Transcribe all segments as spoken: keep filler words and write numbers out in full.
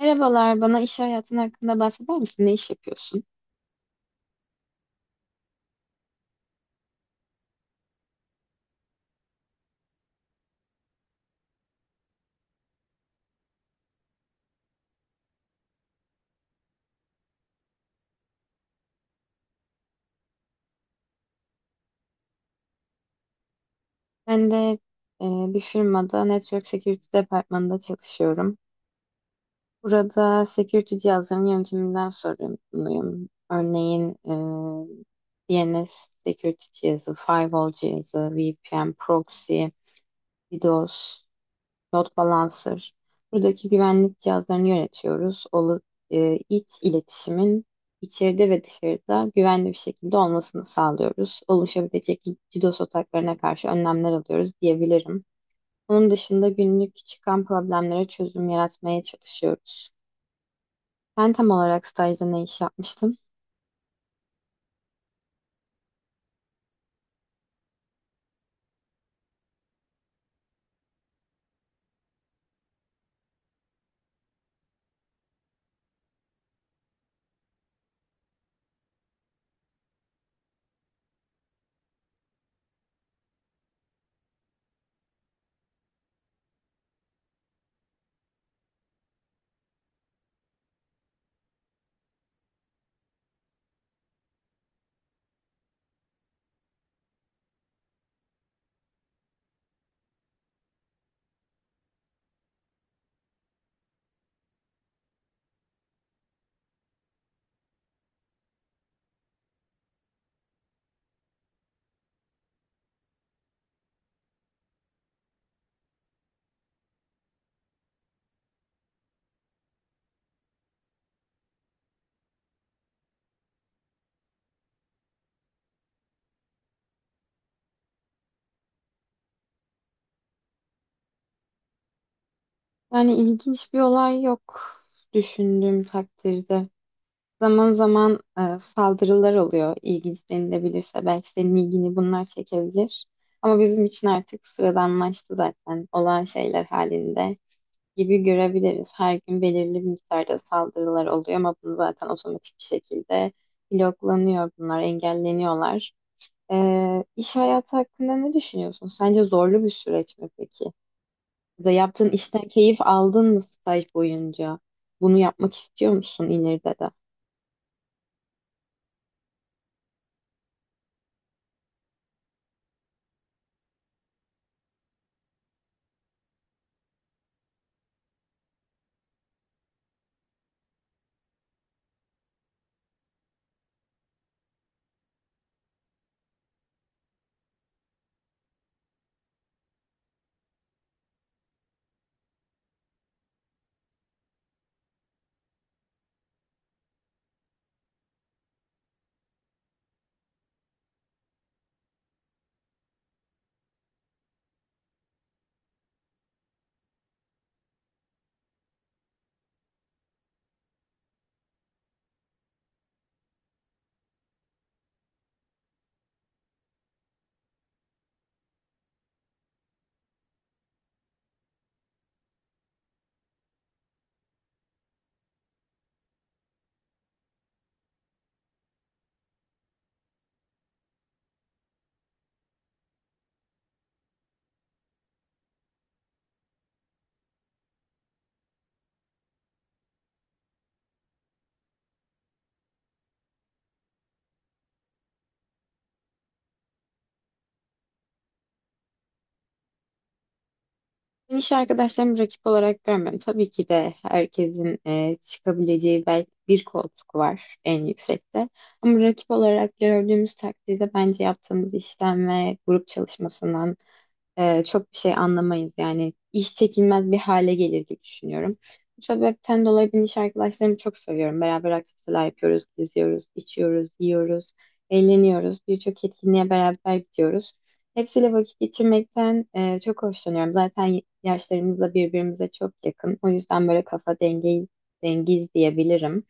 Merhabalar, bana iş hayatın hakkında bahseder misin? Ne iş yapıyorsun? Ben de e, bir firmada Network Security departmanında çalışıyorum. Burada security cihazlarının yönetiminden sorumluyum. Örneğin e, D N S security cihazı, firewall cihazı, V P N, proxy, D DoS, load balancer. Buradaki güvenlik cihazlarını yönetiyoruz. Olu, e, iç iletişimin içeride ve dışarıda güvenli bir şekilde olmasını sağlıyoruz. Oluşabilecek D DoS ataklarına karşı önlemler alıyoruz diyebilirim. Onun dışında günlük çıkan problemlere çözüm yaratmaya çalışıyoruz. Ben tam olarak stajda ne iş yapmıştım? Yani ilginç bir olay yok düşündüğüm takdirde. Zaman zaman e, saldırılar oluyor. İlginç denilebilirse belki senin ilgini bunlar çekebilir. Ama bizim için artık sıradanlaştı zaten. Olağan şeyler halinde gibi görebiliriz. Her gün belirli bir miktarda saldırılar oluyor ama bunu zaten otomatik bir şekilde bloklanıyor bunlar, engelleniyorlar. E, iş hayatı hakkında ne düşünüyorsun? Sence zorlu bir süreç mi peki? Ya da yaptığın işten keyif aldın mı staj boyunca? Bunu yapmak istiyor musun ileride de? Ben iş arkadaşlarımı rakip olarak görmüyorum. Tabii ki de herkesin e, çıkabileceği belki bir koltuk var en yüksekte. Ama rakip olarak gördüğümüz takdirde bence yaptığımız işten ve grup çalışmasından e, çok bir şey anlamayız, yani iş çekilmez bir hale gelir gibi düşünüyorum. Bu sebepten dolayı ben iş arkadaşlarımı çok seviyorum. Beraber aktiviteler yapıyoruz, geziyoruz, içiyoruz, yiyoruz, eğleniyoruz. Birçok etkinliğe beraber gidiyoruz. Hepsiyle vakit geçirmekten e, çok hoşlanıyorum. Zaten yaşlarımız da birbirimize çok yakın. O yüzden böyle kafa dengeyiz, dengiz diyebilirim.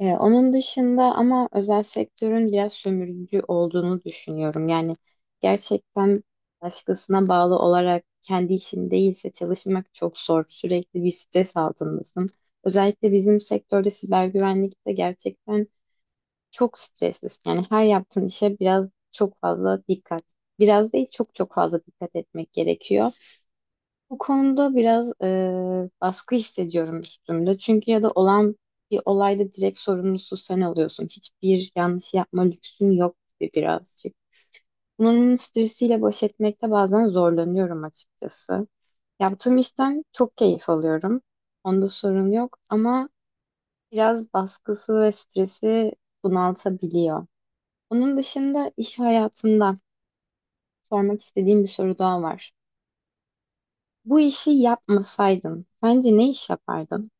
Ee, onun dışında ama özel sektörün biraz sömürücü olduğunu düşünüyorum. Yani gerçekten başkasına bağlı olarak kendi işin değilse çalışmak çok zor. Sürekli bir stres altındasın. Özellikle bizim sektörde siber güvenlikte gerçekten çok streslisin. Yani her yaptığın işe biraz çok fazla dikkat. Biraz değil çok çok fazla dikkat etmek gerekiyor. Bu konuda biraz e, baskı hissediyorum üstümde. Çünkü ya da olan bir olayda direkt sorumlusu sen oluyorsun. Hiçbir yanlış yapma lüksün yok gibi birazcık. Bunun stresiyle baş etmekte bazen zorlanıyorum açıkçası. Yaptığım işten çok keyif alıyorum. Onda sorun yok ama biraz baskısı ve stresi bunaltabiliyor. Onun dışında iş hayatında sormak istediğim bir soru daha var. Bu işi yapmasaydın sence ne iş yapardın?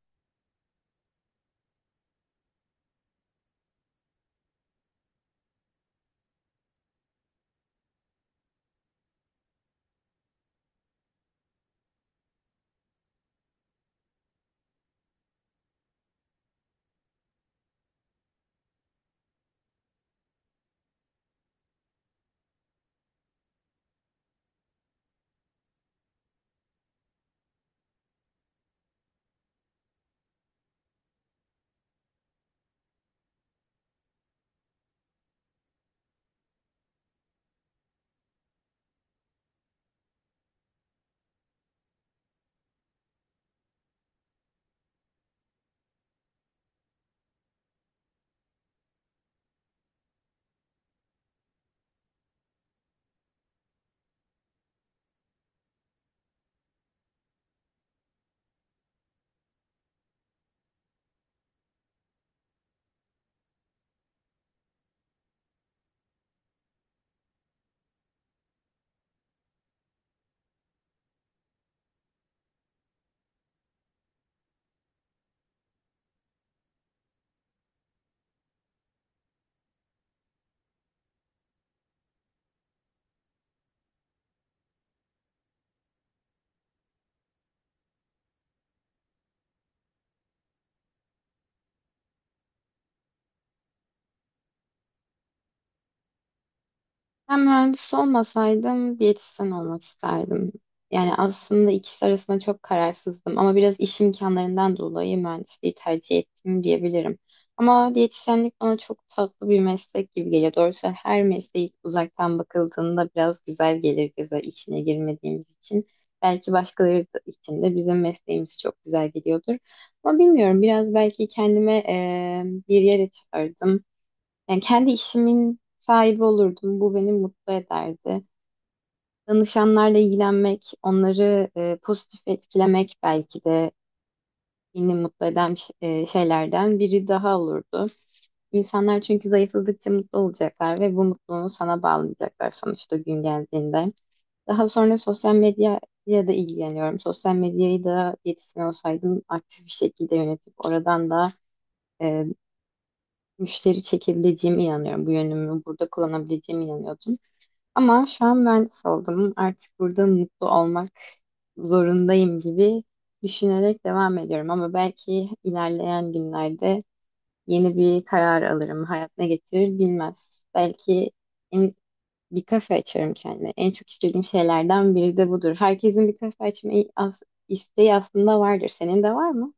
Ben mühendis olmasaydım diyetisyen olmak isterdim. Yani aslında ikisi arasında çok kararsızdım ama biraz iş imkanlarından dolayı mühendisliği tercih ettim diyebilirim. Ama diyetisyenlik bana çok tatlı bir meslek gibi geliyor. Doğrusu her mesleği uzaktan bakıldığında biraz güzel gelir göze, içine girmediğimiz için. Belki başkaları da- için de bizim mesleğimiz çok güzel geliyordur. Ama bilmiyorum, biraz belki kendime eee, bir yere çağırdım. Yani kendi işimin sahibi olurdum. Bu beni mutlu ederdi. Danışanlarla ilgilenmek, onları e, pozitif etkilemek belki de beni mutlu eden ş- e, şeylerden biri daha olurdu. İnsanlar çünkü zayıfladıkça mutlu olacaklar ve bu mutluluğu sana bağlayacaklar sonuçta gün geldiğinde. Daha sonra sosyal medya ya da ilgileniyorum. Sosyal medyayı da yetişkin olsaydım aktif bir şekilde yönetip oradan da e, müşteri çekebileceğime inanıyorum. Bu yönümü burada kullanabileceğime inanıyordum. Ama şu an mühendis oldum. Artık burada mutlu olmak zorundayım gibi düşünerek devam ediyorum. Ama belki ilerleyen günlerde yeni bir karar alırım. Hayat ne getirir bilmez. Belki en- Bir kafe açarım kendime. En çok istediğim şeylerden biri de budur. Herkesin bir kafe açma i- as- isteği aslında vardır. Senin de var mı?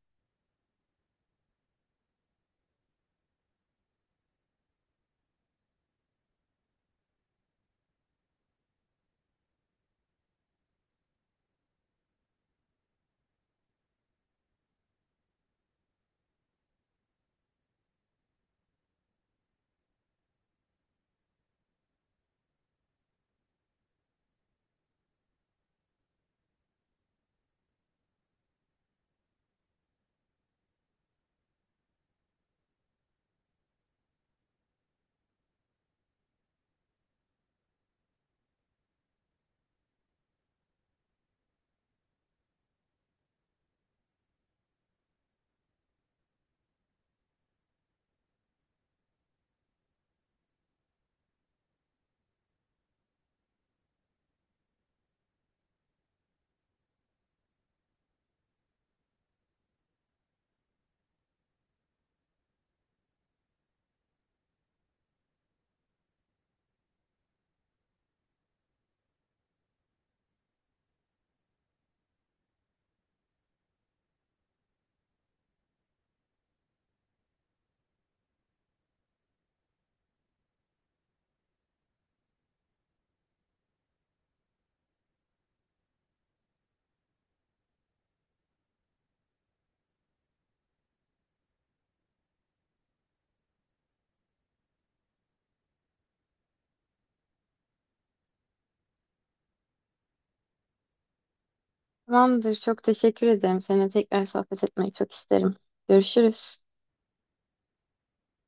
Tamamdır. Çok teşekkür ederim. Seninle tekrar sohbet etmeyi çok isterim. Görüşürüz.